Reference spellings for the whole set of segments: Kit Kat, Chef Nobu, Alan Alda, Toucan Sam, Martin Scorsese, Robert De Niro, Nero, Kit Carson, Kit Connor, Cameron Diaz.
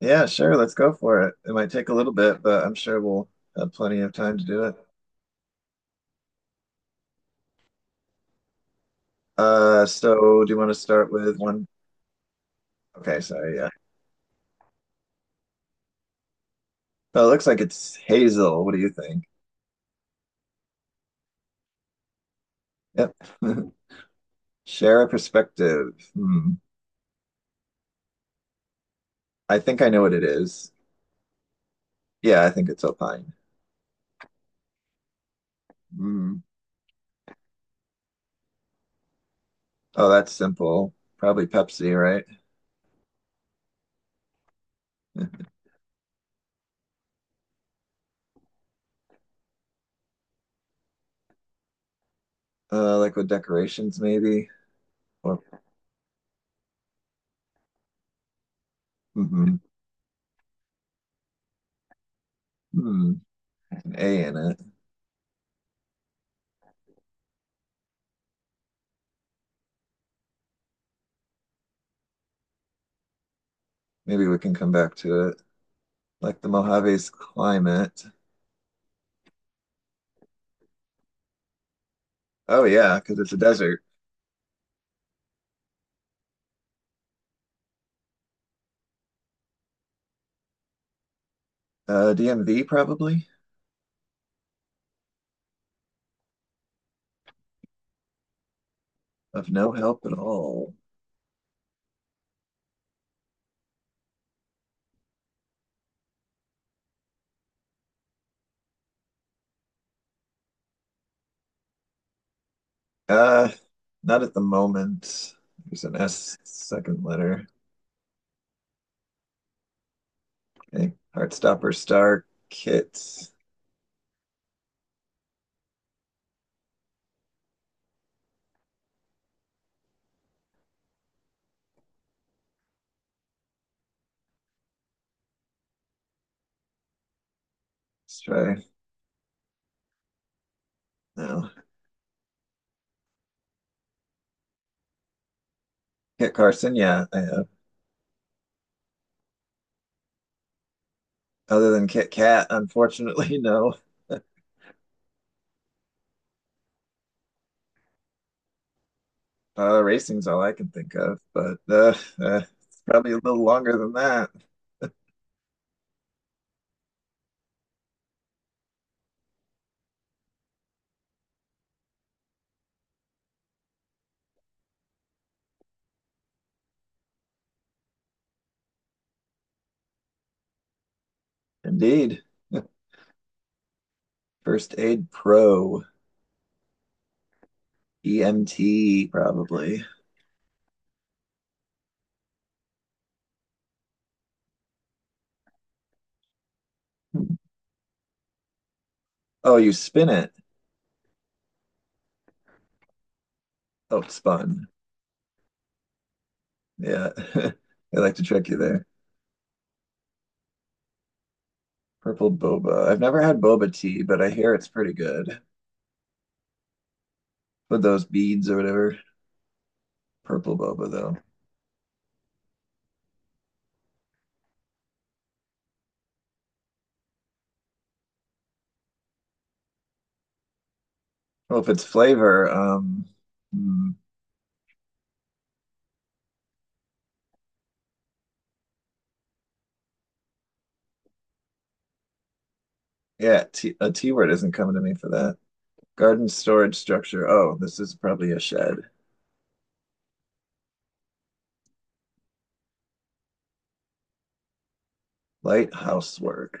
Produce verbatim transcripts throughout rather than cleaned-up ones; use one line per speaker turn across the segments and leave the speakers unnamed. Yeah, sure. Let's go for it. It might take a little bit, but I'm sure we'll have plenty of time to do it. Uh, so do you want to start with one? Okay, sorry. Yeah. Oh, it looks like it's Hazel. What do you think? Yep. Share a perspective. Hmm. I think I know what it is. Yeah, I think it's Alpine. Hmm. Oh, that's simple. Probably Pepsi, right? Uh, like with decorations, maybe. Or Mhm. Hmm. An A in it. Maybe we can come back to it. Like the Mojave's climate. Oh yeah, because it's a desert. Uh, D M V probably. Of no help at all. Uh, Not at the moment. There's an S second letter. Okay, Heartstopper Star Kit. Let's try. No. Kit Carson, yeah, I have. Other than Kit Kat, unfortunately, no. Uh, racing's all I can think of, but uh, uh, it's probably a little longer than that. Indeed. First Aid Pro, E M T, probably. Oh, you spin it. Outspun. Yeah. They like to trick you there. Purple boba. I've never had boba tea, but I hear it's pretty good with those beads or whatever. Purple boba though. Well, if it's flavor, um, hmm, yeah, t a T word isn't coming to me for that. Garden storage structure. Oh, this is probably a shed. Light housework.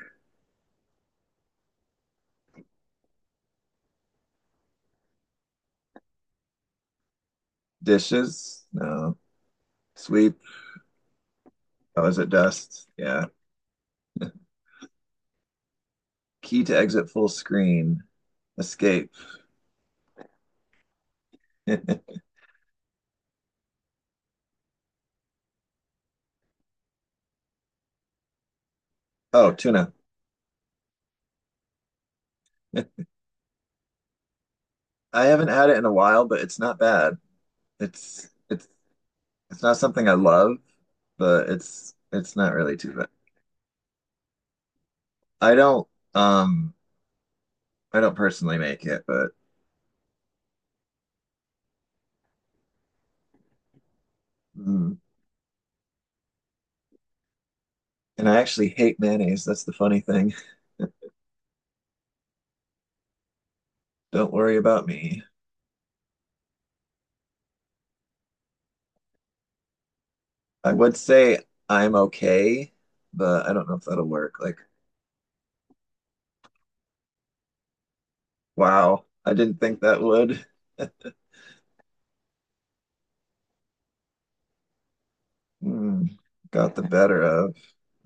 Dishes? No. Sweep. Oh, is it dust? Yeah. Key to exit full screen. Escape. Oh, tuna. I haven't had it in a while, but it's not bad. It's it's it's not something I love, but it's it's not really too bad. I don't um I don't personally make it, but mm. And I actually hate mayonnaise. That's the funny thing. Don't worry about me. I would say I'm okay, but I don't know if that'll work. Like, wow, I didn't think that would. Mm, got the better of.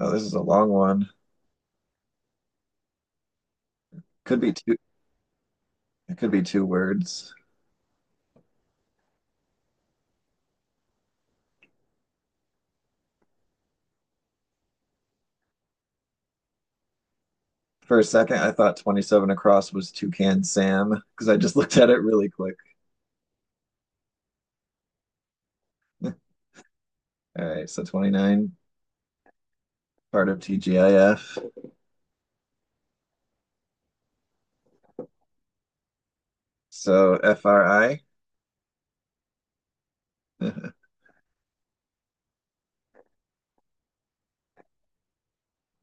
Oh, this is a long one. Could be two, it could be two words. For a second, I thought twenty-seven across was Toucan Sam because I just looked at it really quick. All right, so twenty-nine, part of T G I F. So F R I,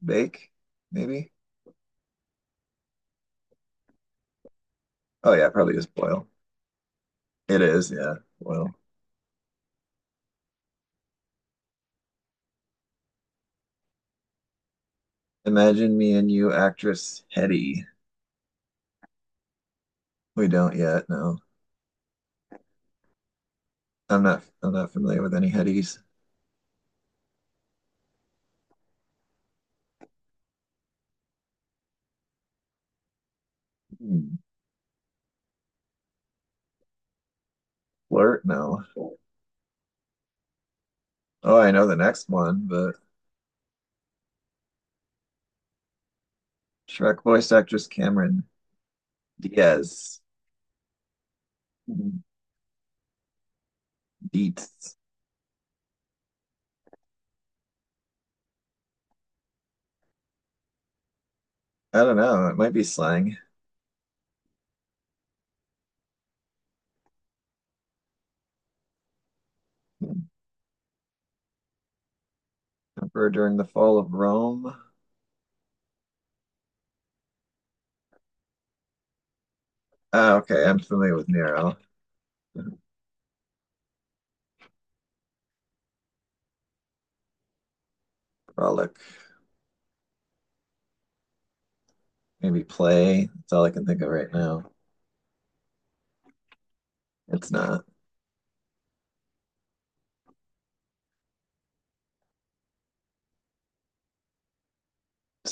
bake, maybe? Oh, yeah, probably is boil. It is, yeah, boil. Imagine me and you, actress Hetty. We don't yet, no. I'm not I'm not familiar with any Hettys. Hmm, flirt, no. Oh, I know the next one, but Shrek voice actress Cameron Diaz. Dietz. I don't know. It might be slang. Emperor during the fall of Rome. Ah, okay. I'm familiar with Nero. Frolic. Maybe play. That's all I can think of right now. It's not.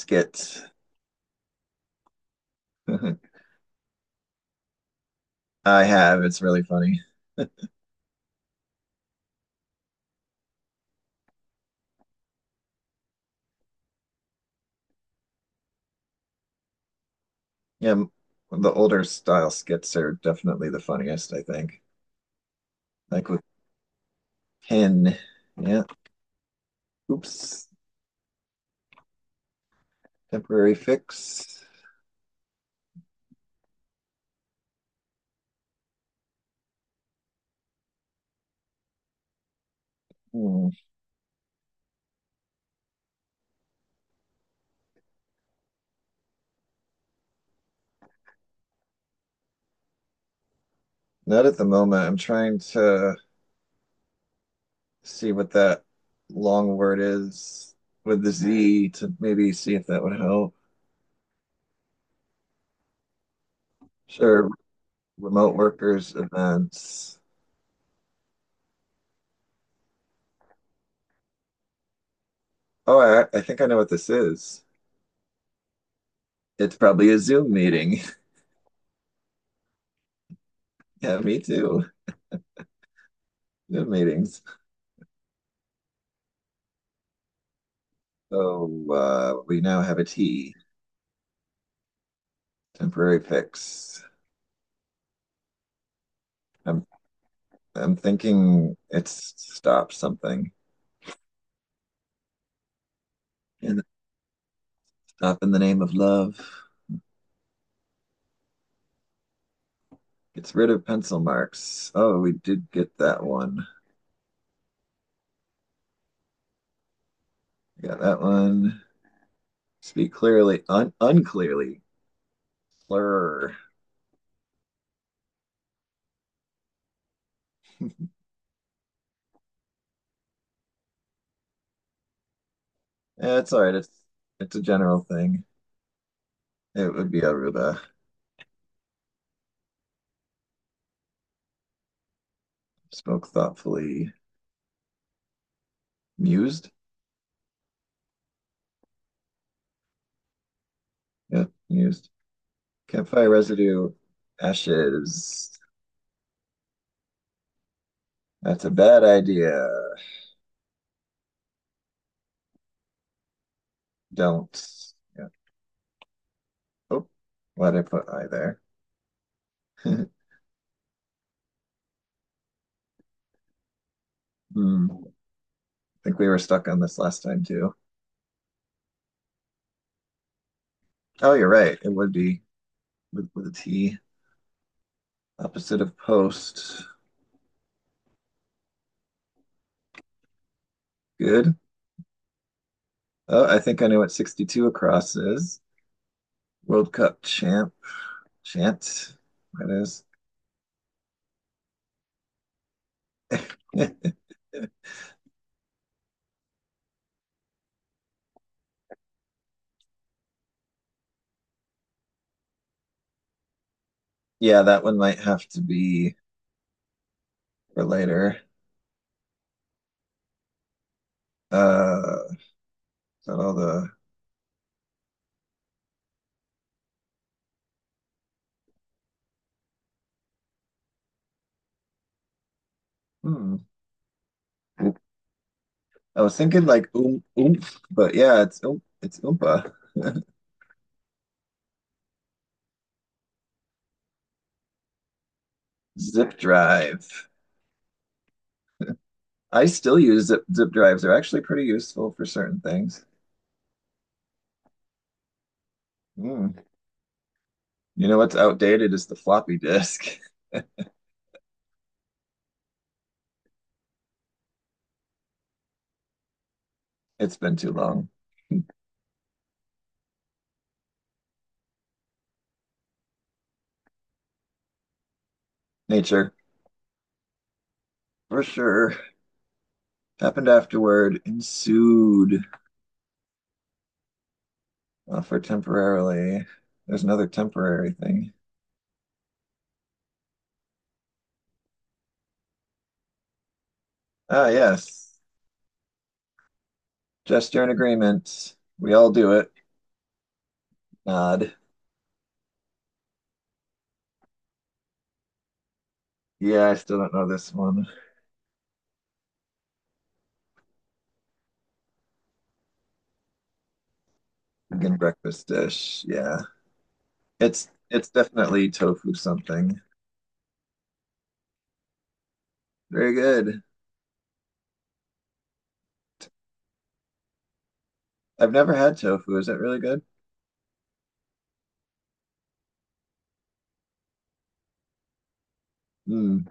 Skit. I have. It's really funny. Yeah, m- the older style skits are definitely the funniest, I think. Like with Pin. Yeah. Oops. Temporary fix. Hmm. Not at the moment. I'm trying to see what that long word is with the Z to maybe see if that would help. Sure. Remote workers events. Oh, I, I think I know what this is. It's probably a Zoom meeting. Yeah, me too. Zoom meetings. So uh, we now have a T, temporary fix. I'm I'm thinking it's stop something, and stop in the name of love. Gets rid of pencil marks. Oh, we did get that one. We got that one. Speak clearly, un unclearly. Slur. Yeah, it's all right. It's it's a general thing. It would be Aruba. Smoke thoughtfully. Mused. Yep, mused. Campfire residue, ashes. That's a bad idea. Don't. Yeah. Oh, why did I put I there? Hmm. I think we were stuck on this last time too. Oh, you're right. It would be with, with a T. Opposite of post. Good. Oh, I think I know what sixty-two across is. World Cup champ, chant, that is. yeah, that one might have to be for later. Uh, is that all the? Hmm. I was thinking like oom oomph, but yeah, it's oom it's oompa. Zip drive. I still use zip zip drives. They're actually pretty useful for certain things. Hmm. You know what's outdated is the floppy disk. It's been too long. Nature, for sure. Happened afterward. Ensued. Well, for temporarily, there's another temporary thing. Ah, yes. Gesture and agreement. We all do it. Nod. Yeah, I still don't know this one. Vegan breakfast dish. Yeah. It's it's definitely tofu something. Very good. I've never had tofu. Is it really good? Hmm.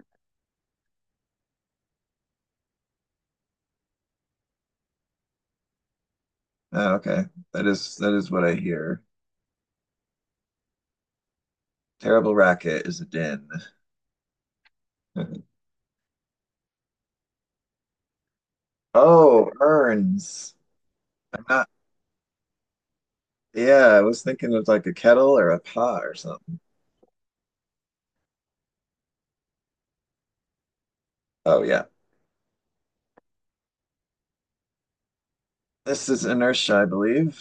Ah, okay. That is that is what I hear. Terrible racket is a din. Oh, urns. I'm not, yeah, I was thinking of like a kettle or a pot or something. Oh yeah. This is inertia, I believe.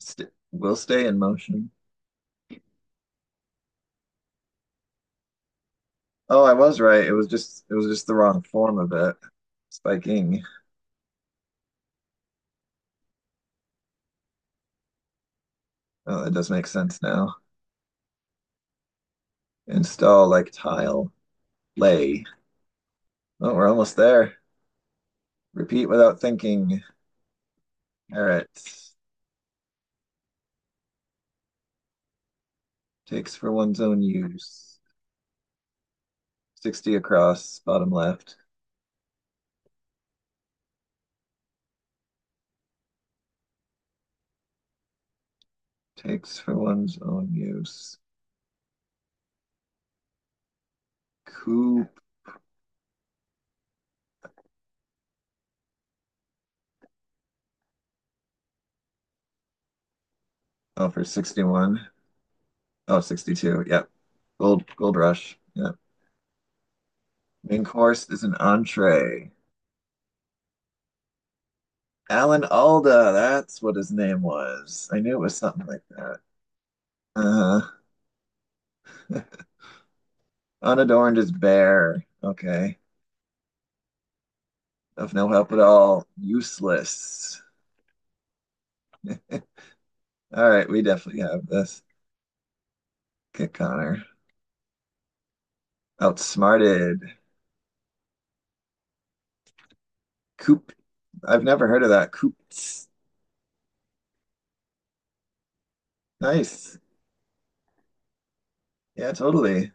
St Will stay in motion. Oh, I was right. It was just it was just the wrong form of it. Spiking. Oh, that does make sense now. Install like tile. Lay. Oh, we're almost there. Repeat without thinking. All right. Takes for one's own use. sixty across, bottom left. Takes for one's own use. Coop. Oh, for sixty-one. Oh, sixty-two. Yep. Gold, gold rush. Yep. Main course is an entree. Alan Alda, that's what his name was. I knew it was something like that. Uh, Unadorned is bare. Okay. Of no help at all. Useless. All right, we definitely have this. Kit Connor. Outsmarted. Coop. I've never heard of that. Coop. Nice. Yeah, totally.